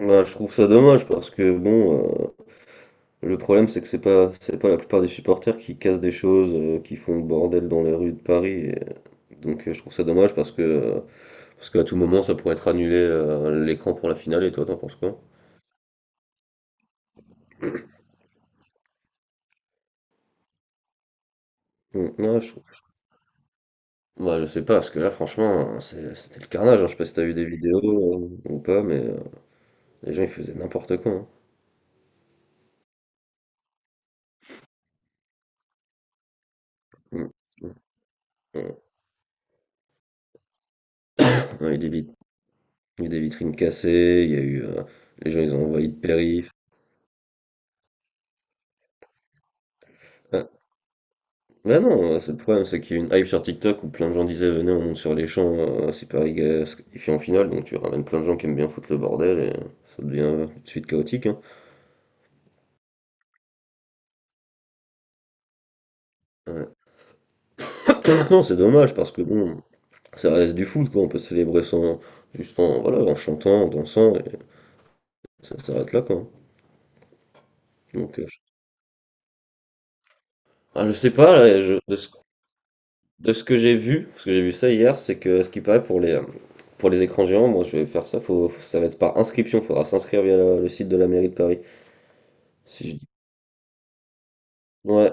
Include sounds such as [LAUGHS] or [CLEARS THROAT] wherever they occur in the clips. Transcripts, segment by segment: Bah, je trouve ça dommage parce que bon, le problème c'est que c'est pas la plupart des supporters qui cassent des choses, qui font le bordel dans les rues de Paris. Et, donc je trouve ça dommage parce que parce qu'à tout moment ça pourrait être annulé l'écran pour la finale. Et toi, t'en penses quoi? Mm, ouais, bah, je sais pas parce que là franchement hein, c'était le carnage, hein. Je sais pas si t'as vu des vidéos ou pas, mais les gens ils faisaient n'importe quoi, hein. Mm, mm, mm. Ouais, il y a des vitrines cassées, il y a eu les gens ils ont envahi le périph. Euh, Ouais, non, c'est le problème, c'est qu'il y a une hype sur TikTok où plein de gens disaient venez, on monte sur les champs, c'est Paris se qualifie en finale, donc tu ramènes plein de gens qui aiment bien foutre le bordel et ça devient tout de suite chaotique, hein. Ouais. [COUGHS] [CLEARS THROAT] Non, c'est dommage parce que bon, ça reste du foot quoi, on peut célébrer sans, juste en, voilà, en chantant, en dansant, et ça s'arrête là quoi. Donc, euh, je... Ah, je sais pas, de ce que j'ai vu, parce que j'ai vu ça hier, c'est que ce qui paraît pour les écrans géants, moi je vais faire ça, ça va être par inscription, faudra s'inscrire via le site de la mairie de Paris. Si je dis. Ouais.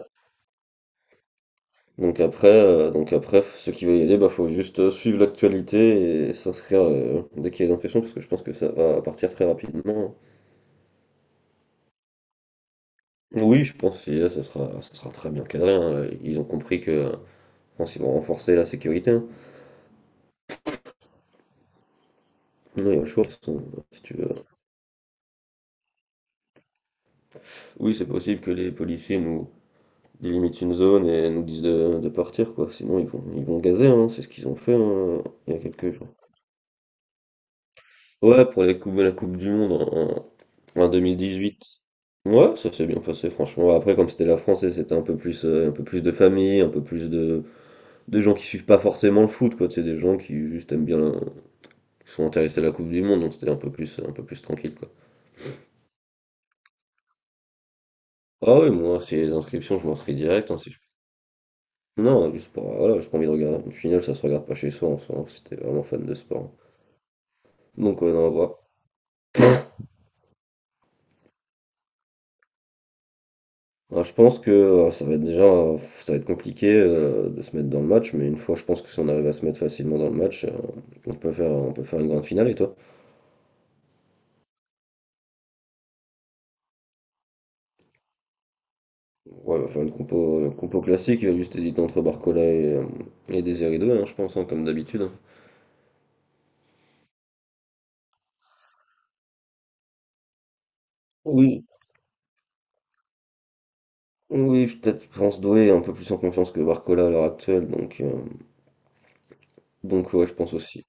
Donc après, ceux qui veulent y aller, bah faut juste suivre l'actualité et s'inscrire dès qu'il y a des inscriptions, parce que je pense que ça va partir très rapidement. Oui, je pense que là, ça sera très bien cadré, hein, là. Ils ont compris que je pense qu'ils vont renforcer la sécurité, hein. Non, il y a le choix, de toute façon, si tu veux. Oui, c'est possible que les policiers nous délimitent une zone et nous disent de partir, quoi. Sinon, ils vont gazer, hein. C'est ce qu'ils ont fait hein, il y a quelques jours. Ouais, pour la Coupe du Monde en 2018. Ouais, ça s'est bien passé, franchement. Après, comme c'était la France, et c'était un peu plus de famille, un peu plus de gens qui suivent pas forcément le foot, quoi. C'est des gens qui juste aiment bien, qui sont intéressés à la Coupe du Monde, donc c'était un peu plus tranquille, quoi. Ah oui, moi, si les inscriptions, je m'inscris direct, hein, si je- non, juste pour, voilà, j'ai pas envie de regarder. Au final, ça se regarde pas chez soi, en soi, hein, si t'es vraiment fan de sport. Donc, ouais, non, à voir. Alors, je pense que ça va être déjà ça va être compliqué de se mettre dans le match, mais une fois je pense que si on arrive à se mettre facilement dans le match, on peut faire une grande finale. Et toi? Ouais, on va faire une compo classique, il va juste hésiter entre Barcola et Désiré Doué, hein, je pense, hein, comme d'habitude, hein. Oui, oui, peut-être je pense Doué est un peu plus en confiance que Barcola à l'heure actuelle, donc ouais je pense aussi.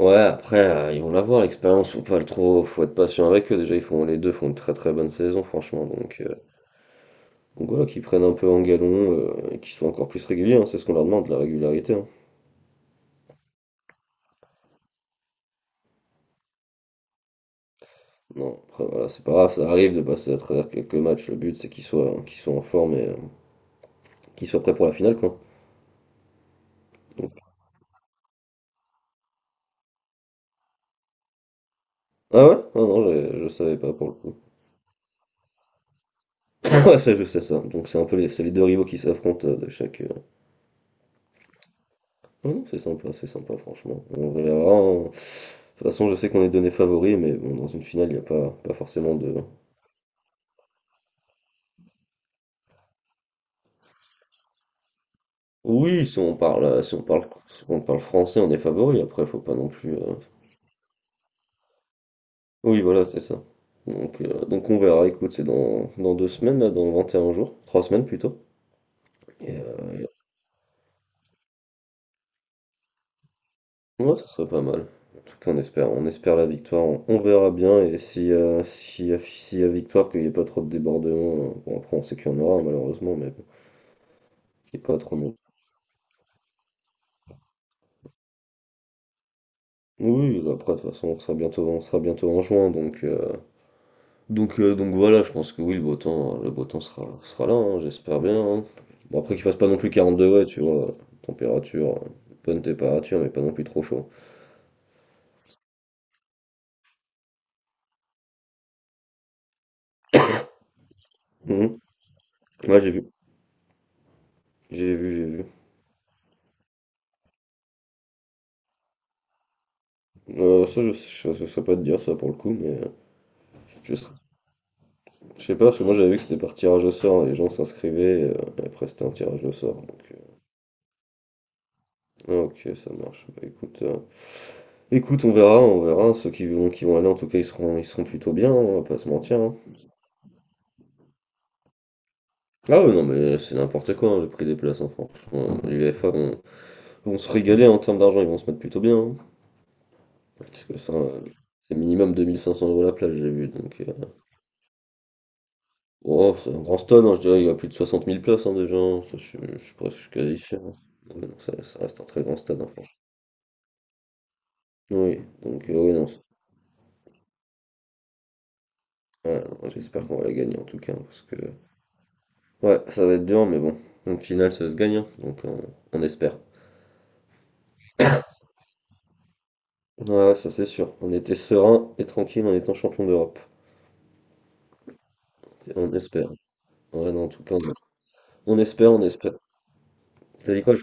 Ouais, après ils vont l'avoir l'expérience, faut pas le trop, faut être patient avec eux. Déjà ils font les deux font une très très bonne saison franchement, donc voilà, qu'ils prennent un peu en galon, et qu'ils soient encore plus réguliers, hein, c'est ce qu'on leur demande, la régularité, hein. Non, après voilà, c'est pas grave, ça arrive de passer à travers quelques matchs, le but c'est qu'ils soient en forme et qu'ils soient prêts pour la finale, quoi. Donc- Ah ouais? Ah non, je savais pas pour le coup. [LAUGHS] Ouais, ça je sais ça. Donc c'est un peu les, c'est les deux rivaux qui s'affrontent de chaque... Ah non, c'est sympa franchement. On verra, hein. De toute façon, je sais qu'on est donné favori, mais bon, dans une finale, il n'y a pas, pas forcément de... Oui, si on parle, si on parle, si on parle français, on est favori. Après, faut pas non plus... Oui, voilà, c'est ça. Donc on verra, écoute, c'est dans, dans 2 semaines, là, dans 21 jours, 3 semaines plutôt. Et ouais, ça serait pas mal. En tout cas, on espère la victoire, on verra bien. Et si, si y a victoire, qu'il n'y ait pas trop de débordements, bon, après, on sait qu'il y en aura, malheureusement, mais bon, qu'il n'y ait pas trop de. Oui, après, de toute façon, on sera bientôt en juin, donc. Donc voilà, je pense que oui, le beau temps sera là, hein, j'espère bien, hein. Bon après qu'il fasse pas non plus 40 degrés, tu vois? Température, bonne température, mais pas non plus trop chaud. Mmh. Ouais, j'ai vu, j'ai vu, j'ai vu. Ça je saurais pas te dire ça pour le coup, mais je sais je sais pas, parce que moi j'avais vu que c'était par tirage au sort, les gens s'inscrivaient, et après c'était un tirage au sort, donc ah OK, ça marche. Bah écoute on verra, ceux qui vont aller en tout cas, ils seront plutôt bien, hein, on va pas se mentir, hein. Ah ouais, non mais c'est n'importe quoi hein, le prix des places hein, franchement. L'UEFA vont se régaler en termes d'argent, ils vont se mettre plutôt bien, hein. Parce que ça, c'est minimum 2 500 euros la place, j'ai vu. Donc, oh, c'est un grand stade, hein, je dirais, il y a plus de 60 000 places hein, déjà, hein. Ça, je suis quasi sûr, hein. Ouais, non, ça reste un très grand stade, hein, franchement. Oui, donc oui, non, ouais, non, j'espère qu'on va la gagner en tout cas, hein. Parce que, ouais, ça va être dur, mais bon, en finale, ça se gagne, hein, donc on espère. Ouais, ça c'est sûr. On était serein et tranquille en étant champion d'Europe. On espère. Ouais, non, en tout cas, on espère, on espère. T'as dit quoi?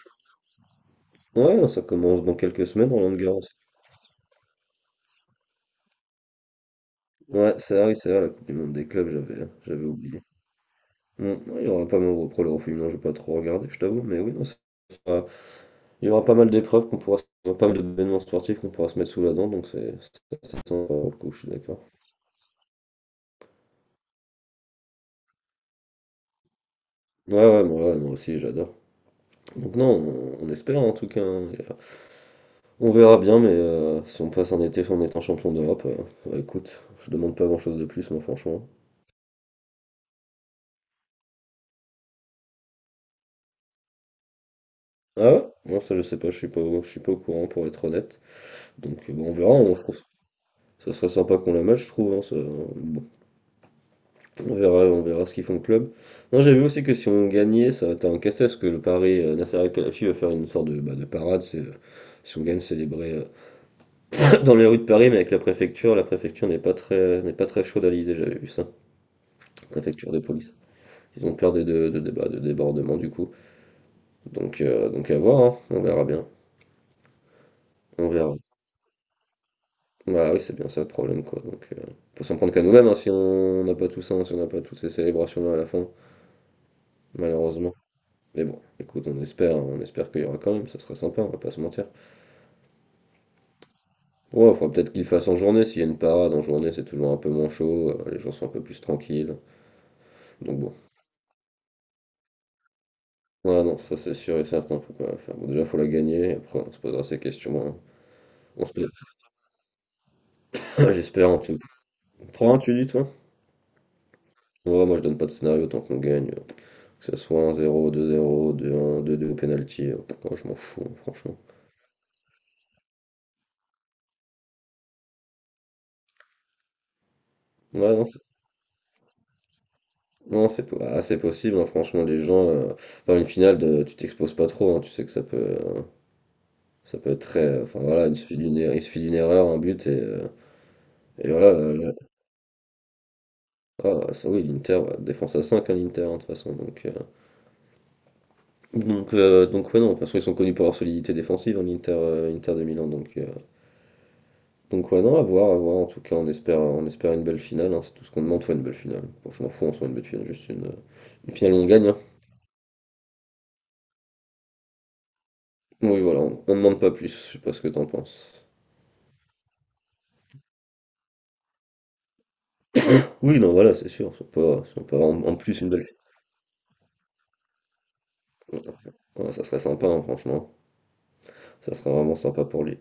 Ouais, ça commence dans quelques semaines, Roland-Garros. Ouais, c'est vrai, oui, c'est vrai, la Coupe du Monde des clubs, j'avais hein, j'avais oublié. Bon, ouais, il y aura pas mal de après le féminin, j'ai pas trop regardé, je t'avoue, mais oui, non, sera- il y aura pas mal d'épreuves pas mal d'événements sportifs qu'on pourra se mettre sous la dent, donc c'est sympa pour le coup, je suis d'accord. Ouais, ouais, moi aussi, j'adore. Donc non, on espère en tout cas, hein, et, on verra bien, mais si on passe un été en étant champion d'Europe, bah, écoute, je demande pas grand-chose de plus, moi, franchement. Ah ouais? Non, ça je sais pas, je suis pas, je suis pas au courant pour être honnête. Donc bon, on verra, hein, je trouve. Ça serait sympa qu'on la match, je trouve, hein. Bon, on verra ce qu'ils font au club. Non, j'ai vu aussi que si on gagnait, ça va être un casse parce que le Paris, Nasser El Khelaifi va faire une sorte de, bah, de parade. C'est, si on gagne, célébrer [LAUGHS] [CLEARS THROAT] dans les rues de Paris, mais avec la préfecture. La préfecture n'est pas très chaude à l'idée, j'avais vu ça. Préfecture de police. Ils ont peur des de- bah, de débordements du coup. Donc à voir, hein, on verra bien. On verra. Bah oui, c'est bien ça le problème quoi. Donc, faut s'en prendre qu'à nous-mêmes hein, si on n'a pas tout ça, hein, si on n'a pas toutes ces célébrations-là à la fin, malheureusement. Mais bon, écoute, on espère qu'il y aura quand même, ça serait sympa, on va pas se mentir. Ouais, faudra peut-être qu'il fasse en journée, s'il y a une parade en journée, c'est toujours un peu moins chaud, les gens sont un peu plus tranquilles. Donc bon. Ouais, non, ça c'est sûr et certain, faut pas la faire. Bon, déjà, faut la gagner, et après on se posera ces questions, hein. On se pose- [LAUGHS] J'espère en tout. 3-1, tu dis toi? Ouais, moi je donne pas de scénario tant qu'on gagne. Que ce soit un zéro deux zéro deux un deux deux au penalty, oh, je m'en fous, hein, franchement. Ouais, non, c'est non, ah, c'est possible, hein, franchement, les gens. Enfin, une finale, de, tu t'exposes pas trop, hein, tu sais que ça peut être très. Enfin, voilà, il suffit d'une erreur, un but, et voilà. Ah, ça, oui, l'Inter, ouais, défense à 5 hein, l'Inter, hein, de toute façon. Donc, ouais, non, parce qu'ils sont connus pour leur solidité défensive, hein, l'Inter Inter de Milan, donc. Donc ouais, non, à voir, à voir. En tout cas, on espère une belle finale, hein. C'est tout ce qu'on demande, soit une belle finale. Bon, je m'en fous, on soit une belle finale, juste une finale où on gagne, hein. Oui, voilà, on demande pas plus. Je sais pas ce que t'en penses. Oui, non, voilà, c'est sûr. Si on peut avoir en plus une belle finale, ouais, ça serait sympa, hein, franchement. Ça serait vraiment sympa pour lui.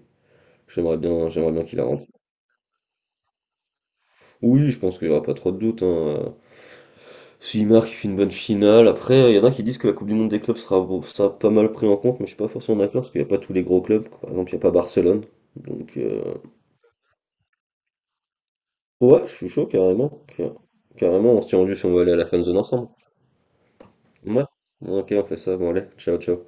J'aimerais bien qu'il la rentre. Oui, je pense qu'il n'y aura pas trop de doute, hein. S'il marque, il fait une bonne finale. Après, il y en a qui disent que la Coupe du Monde des clubs sera pas mal pris en compte, mais je suis pas forcément d'accord parce qu'il n'y a pas tous les gros clubs. Par exemple, il n'y a pas Barcelone. Donc, ouais, je suis chaud carrément. Carrément, on se tient au jus si on veut aller à la fan zone ensemble. Ouais. Ok, on fait ça. Bon, allez, ciao, ciao.